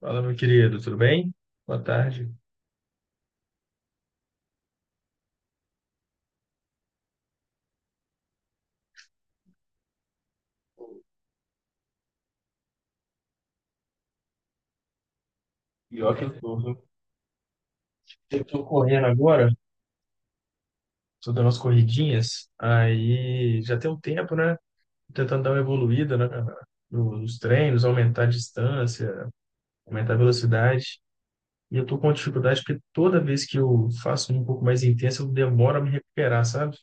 Fala, meu querido, tudo bem? Boa tarde. Pior que eu tô, viu? Eu tô correndo agora, tô dando umas corridinhas, aí já tem um tempo, né? Tentando dar uma evoluída né, nos treinos, aumentar a distância, aumentar a velocidade. E eu tô com dificuldade porque toda vez que eu faço um pouco mais intensa, eu demoro a me recuperar, sabe?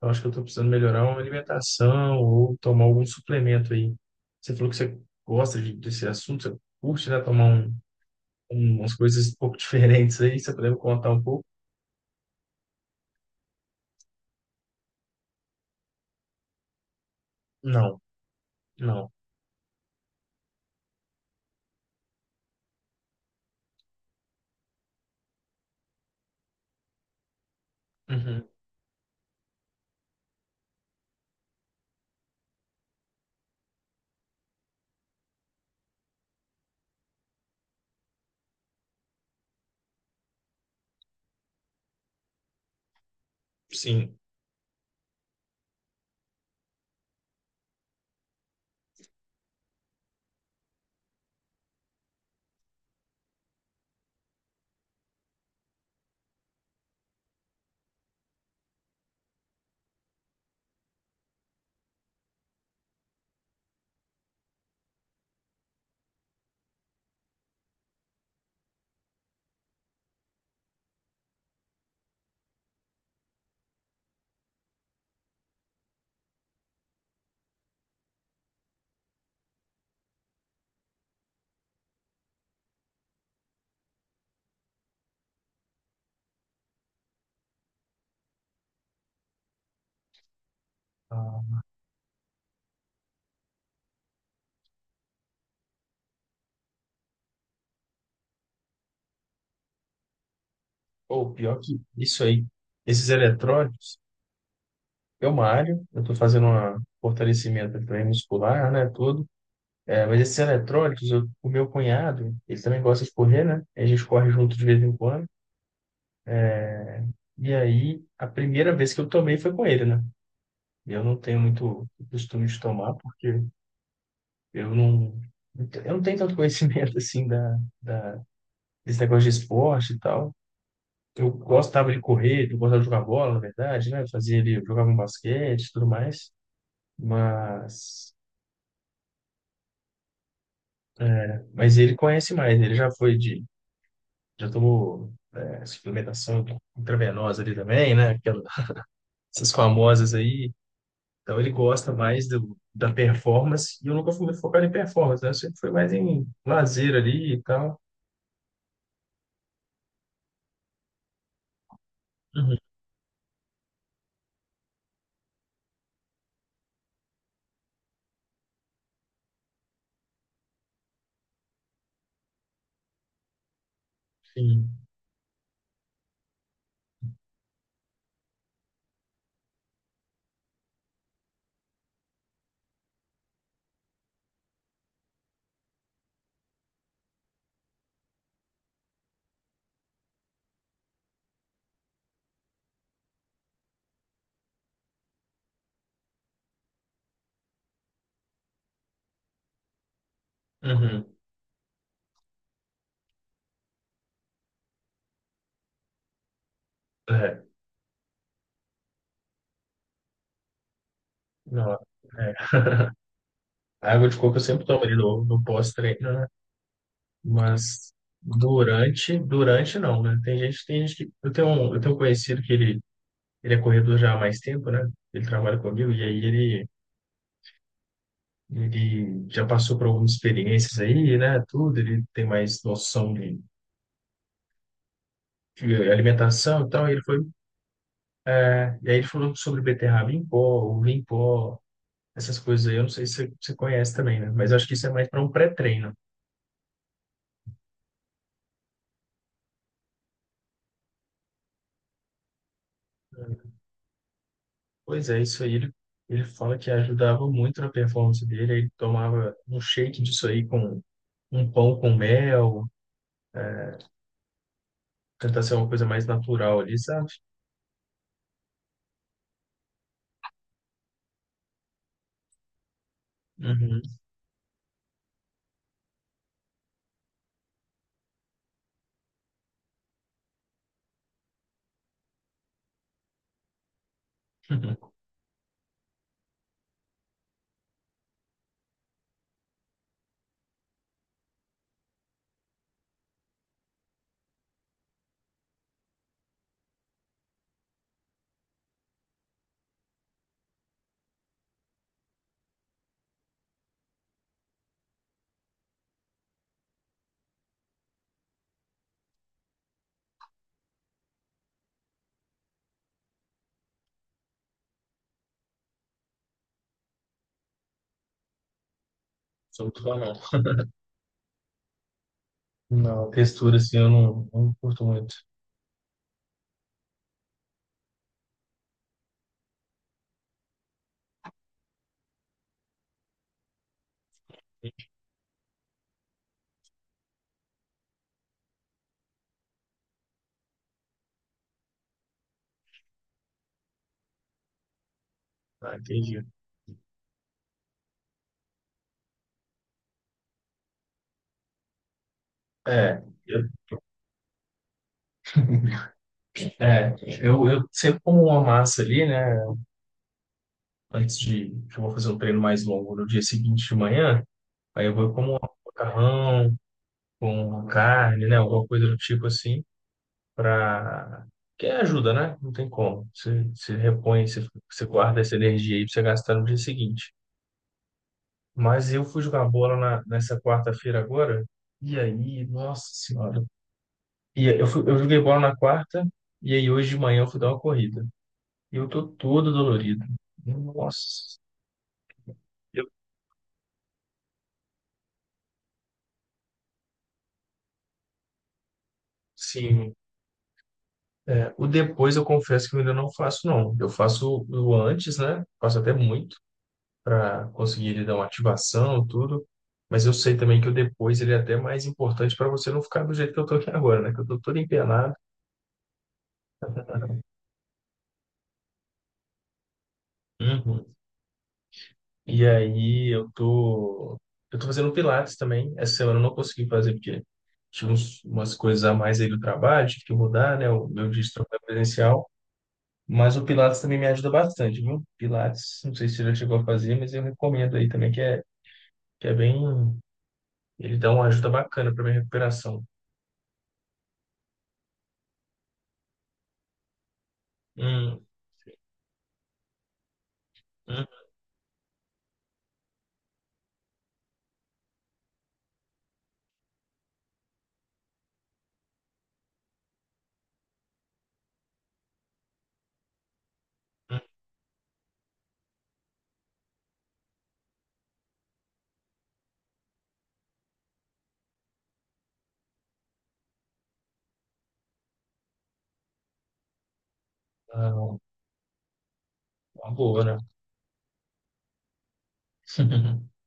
Eu acho que eu tô precisando melhorar uma alimentação ou tomar algum suplemento aí. Você falou que você desse assunto, você curte, né? Tomar umas coisas um pouco diferentes aí, você poderia me contar um pouco? Não, não. Uhum, sim. Ah, ou pior que isso aí, esses eletrônicos, eu malho, eu tô fazendo um fortalecimento de treino muscular, né, tudo. É, mas esses eletrônicos, o meu cunhado, ele também gosta de correr, né? A gente corre junto de vez em quando. E aí, a primeira vez que eu tomei foi com ele, né? Eu não tenho muito costume de tomar, porque eu não, eu não tenho tanto conhecimento, assim, da, esse negócio de esporte e tal. Eu gostava de correr, eu gostava de jogar bola, na verdade, né? Eu fazia ele, eu jogava um basquete e tudo mais. Mas, mas ele conhece mais, ele já foi de, já tomou é, suplementação intravenosa ali também, né? Aquelas, essas famosas aí. Então ele gosta mais do, da performance, e eu nunca fui muito focado em performance, né? Eu sempre fui mais em lazer ali e tal. Uhum, sim. Uhum. É, não, é. A água de coco eu sempre tomo ali no, no pós-treino, né? Mas durante, durante não, né? Tem gente que. Eu tenho um conhecido que ele é corredor já há mais tempo, né? Ele trabalha comigo e aí ele já passou por algumas experiências aí, né? Tudo, ele tem mais noção de alimentação e tal. E ele foi, né? E aí ele falou sobre beterraba em pó, uva em pó, essas coisas aí. Eu não sei se você, você conhece também, né? Mas acho que isso é mais para um pré-treino. Pois é, isso aí ele fala que ajudava muito na performance dele. Ele tomava um shake disso aí com um pão com mel, tentar ser uma coisa mais natural ali, sabe? Uhum. Sou muito fã, não. Não, textura assim eu não, não curto muito. Ah, entendi. É, eu, é, eu sempre como uma massa ali, né? Antes de que eu vou fazer um treino mais longo no dia seguinte de manhã, aí eu vou como um macarrão, com carne, né? Alguma coisa do tipo assim, pra. Que ajuda, né? Não tem como. Você, você repõe, você, você guarda essa energia aí pra você gastar no dia seguinte. Mas eu fui jogar bola nessa quarta-feira agora, e aí, nossa senhora. E eu joguei bola na quarta, e aí hoje de manhã eu fui dar uma corrida. E eu tô todo dolorido. Nossa. Eu, sim. É, o depois eu confesso que eu ainda não faço, não. Eu faço o antes, né? Faço até muito para conseguir ele dar uma ativação, tudo. Mas eu sei também que o depois ele é até mais importante para você não ficar do jeito que eu tô aqui agora, né? Que eu tô todo empenado. Uhum. E aí eu tô fazendo Pilates também. Essa semana eu não consegui fazer porque umas coisas a mais aí do trabalho, tive que mudar, né? O meu dia de trabalho presencial. Mas o Pilates também me ajuda bastante, viu? Pilates, não sei se você já chegou a fazer, mas eu recomendo aí também, que é bem. Ele dá uma ajuda bacana para minha recuperação. Hum, hum, hum. Não, uma boa, né?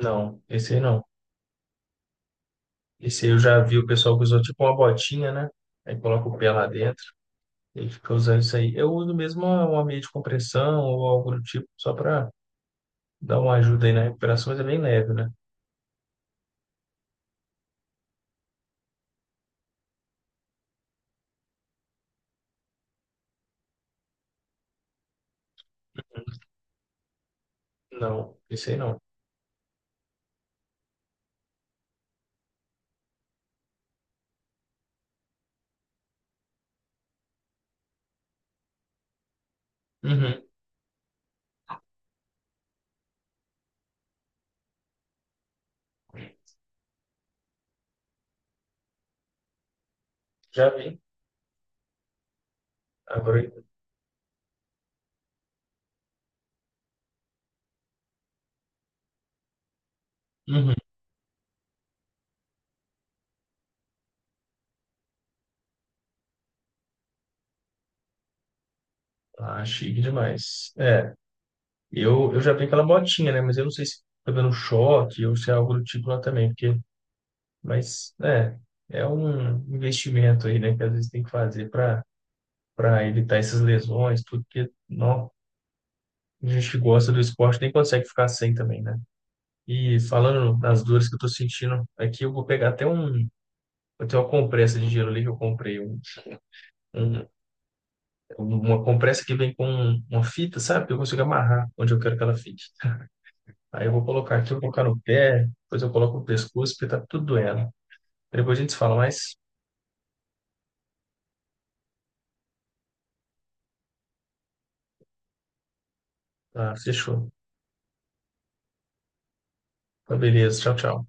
Não, esse aí não. Esse aí eu já vi o pessoal que usou tipo uma botinha, né? Aí coloca o pé lá dentro. Ele fica usando isso aí. Eu uso mesmo uma meia de compressão ou algo do tipo, só para dar uma ajuda aí na recuperação, mas é bem leve, né? Não, isso aí não. Uhum, já vi. Agora, uhum. Ah, chique demais. Eu já vi aquela botinha, né? Mas eu não sei se tá dando choque ou se é algo do tipo lá também, porque, mas, é, é um investimento aí, né? Que às vezes tem que fazer para evitar essas lesões, tudo, porque, não, a gente que gosta do esporte nem consegue ficar sem também, né? E falando das dores que eu tô sentindo, aqui eu vou pegar até um. Eu tenho uma compressa de gelo ali que eu comprei. Uma compressa que vem com uma fita, sabe? Que eu consigo amarrar onde eu quero que ela fique. Aí eu vou colocar aqui, eu vou colocar no pé, depois eu coloco no pescoço, porque tá tudo doendo. Depois a gente se fala, mais. Ah, fechou. Tá beleza, tchau, tchau.